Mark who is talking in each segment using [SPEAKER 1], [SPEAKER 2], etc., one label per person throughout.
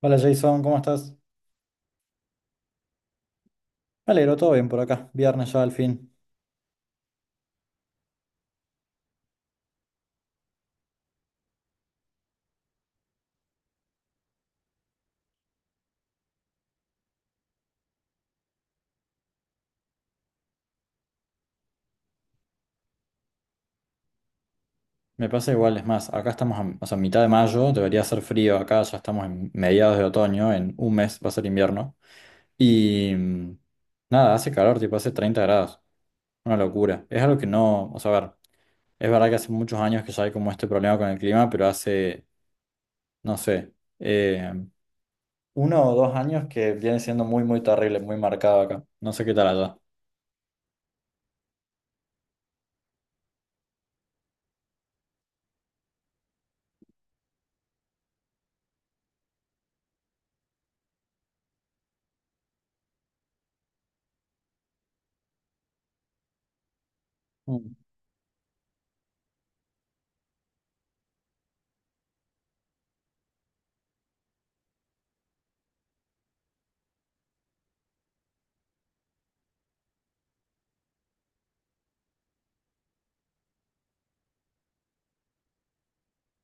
[SPEAKER 1] Hola Jason, ¿cómo estás? Me alegro, todo bien por acá. Viernes ya al fin. Me pasa igual, es más, acá estamos a, o sea, mitad de mayo, debería ser frío, acá ya estamos en mediados de otoño, en un mes va a ser invierno. Y nada, hace calor, tipo hace 30 grados. Una locura. Es algo que no, o sea, a ver, es verdad que hace muchos años que ya hay como este problema con el clima, pero hace, no sé, eh, uno o dos años que viene siendo muy, muy terrible, muy marcado acá. No sé qué tal allá.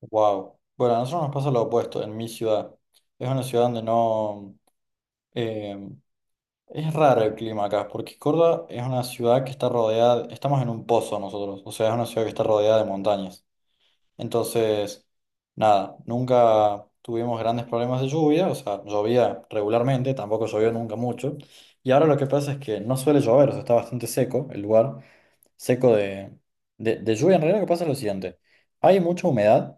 [SPEAKER 1] Wow. Bueno, a nosotros nos pasa lo opuesto en mi ciudad. Es una ciudad donde no... eh, es raro el clima acá, porque Córdoba es una ciudad que está rodeada... Estamos en un pozo nosotros, o sea, es una ciudad que está rodeada de montañas. Entonces, nada, nunca tuvimos grandes problemas de lluvia, o sea, llovía regularmente, tampoco llovió nunca mucho. Y ahora lo que pasa es que no suele llover, o sea, está bastante seco el lugar, seco de, de lluvia. En realidad lo que pasa es lo siguiente, hay mucha humedad.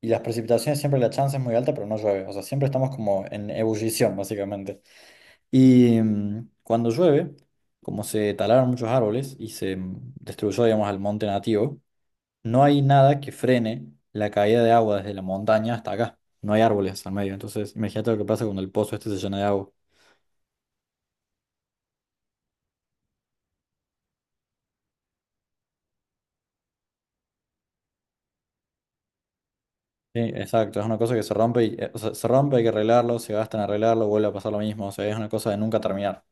[SPEAKER 1] Y las precipitaciones siempre la chance es muy alta, pero no llueve. O sea, siempre estamos como en ebullición, básicamente. Y cuando llueve, como se talaron muchos árboles y se destruyó, digamos, al monte nativo, no hay nada que frene la caída de agua desde la montaña hasta acá. No hay árboles al medio. Entonces, imagínate lo que pasa cuando el pozo este se llena de agua. Sí, exacto. Es una cosa que se rompe y, o sea, se rompe, hay que arreglarlo, se gasta en arreglarlo, vuelve a pasar lo mismo. O sea, es una cosa de nunca terminar.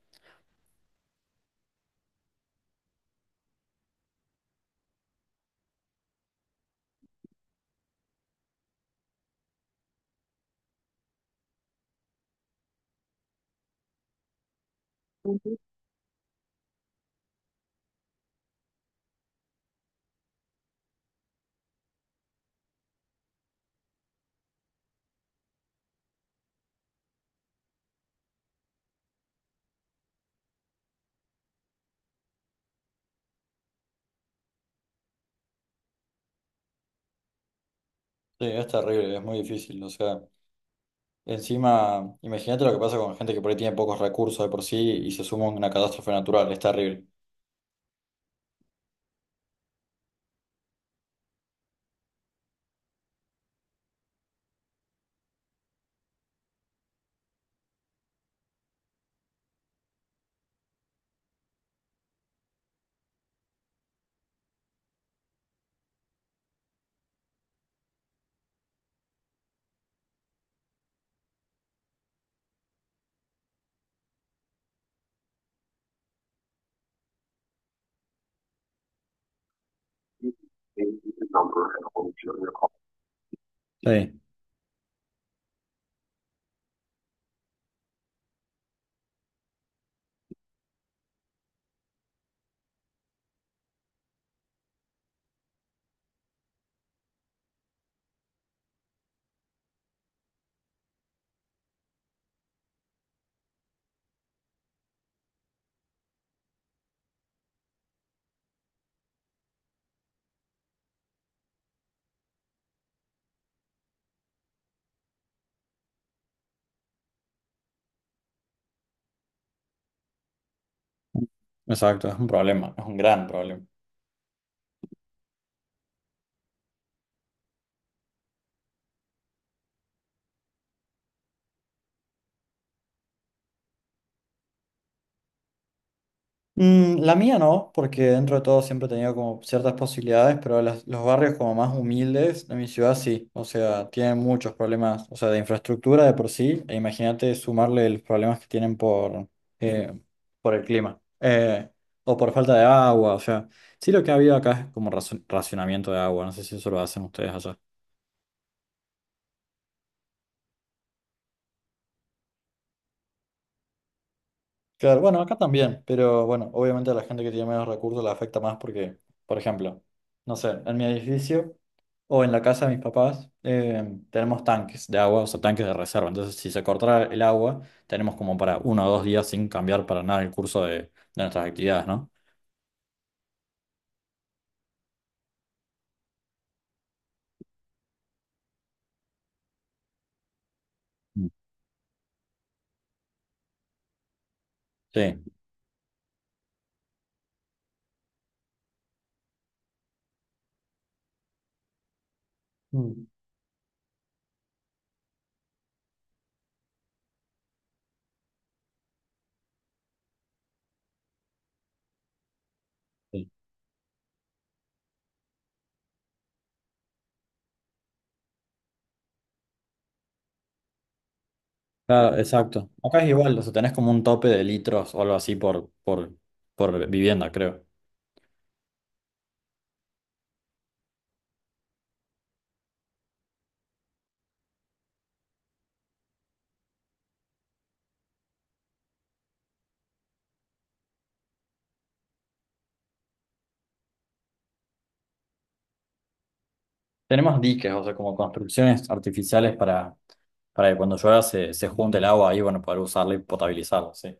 [SPEAKER 1] Sí, es terrible, es muy difícil. O sea. Encima, imagínate lo que pasa con gente que por ahí tiene pocos recursos de por sí y se suma una catástrofe natural, es terrible. Sí. Exacto, es un problema, es un gran problema. Mm, la mía no, porque dentro de todo siempre he tenido como ciertas posibilidades, pero los barrios como más humildes de mi ciudad sí, o sea, tienen muchos problemas, o sea, de infraestructura de por sí, e imagínate sumarle los problemas que tienen eh, por el clima, o por falta de agua, o sea, sí lo que ha habido acá es como racionamiento de agua, no sé si eso lo hacen ustedes allá. Claro, bueno, acá también, pero bueno, obviamente a la gente que tiene menos recursos la afecta más porque, por ejemplo, no sé, en mi edificio o en la casa de mis papás tenemos tanques de agua, o sea, tanques de reserva. Entonces, si se cortara el agua, tenemos como para uno o dos días sin cambiar para nada el curso de nuestras actividades, ¿no? Mm. Sí. Mm. Sí. Claro, exacto. Acá es igual, o sea, tenés como un tope de litros o algo así por, por vivienda, creo. Tenemos diques, o sea, como construcciones artificiales para que cuando llueva se junte el agua ahí, bueno, poder usarla y potabilizarla, sí.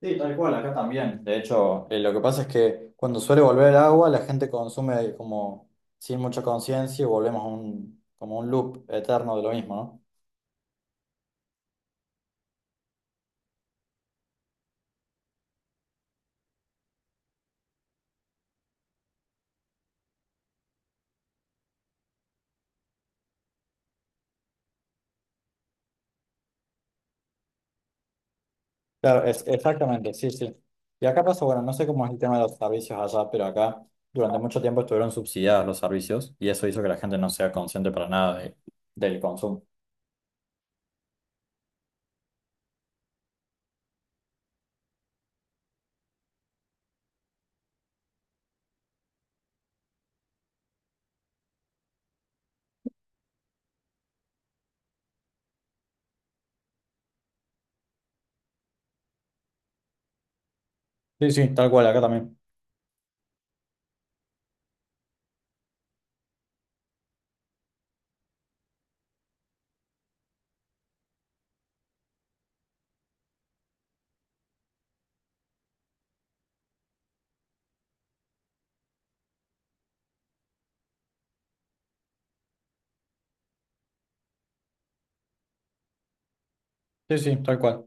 [SPEAKER 1] Sí, tal cual, acá también. De hecho, lo que pasa es que cuando suele volver el agua, la gente consume como sin mucha conciencia y volvemos a un, como un loop eterno de lo mismo, ¿no? Claro, es, exactamente, sí, sí. Y acá pasa, bueno, no sé cómo es el tema de los servicios allá, pero acá durante mucho tiempo estuvieron subsidiados los servicios y eso hizo que la gente no sea consciente para nada del consumo. Sí, sí, tal cual, acá también. Sí, sí, tal cual.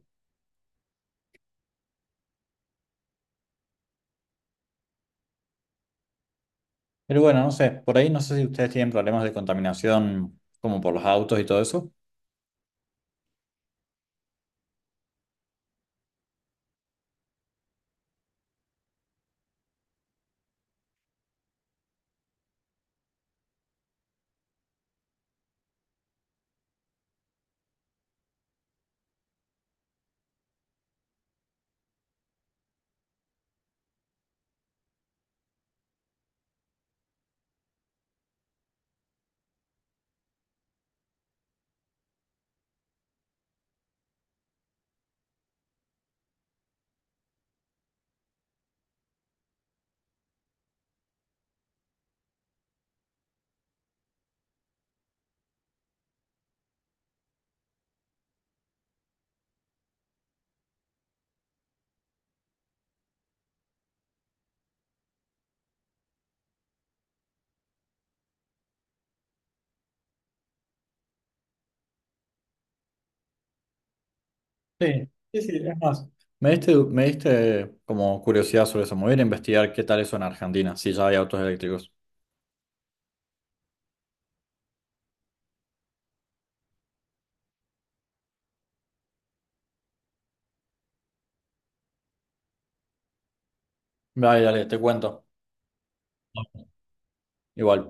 [SPEAKER 1] Pero bueno, no sé, por ahí no sé si ustedes tienen problemas de contaminación como por los autos y todo eso. Sí, sí, sí, es más. Me diste como curiosidad sobre eso. Me voy a ir a investigar qué tal eso en Argentina, si ya hay autos eléctricos. Dale, dale, te cuento. Igual.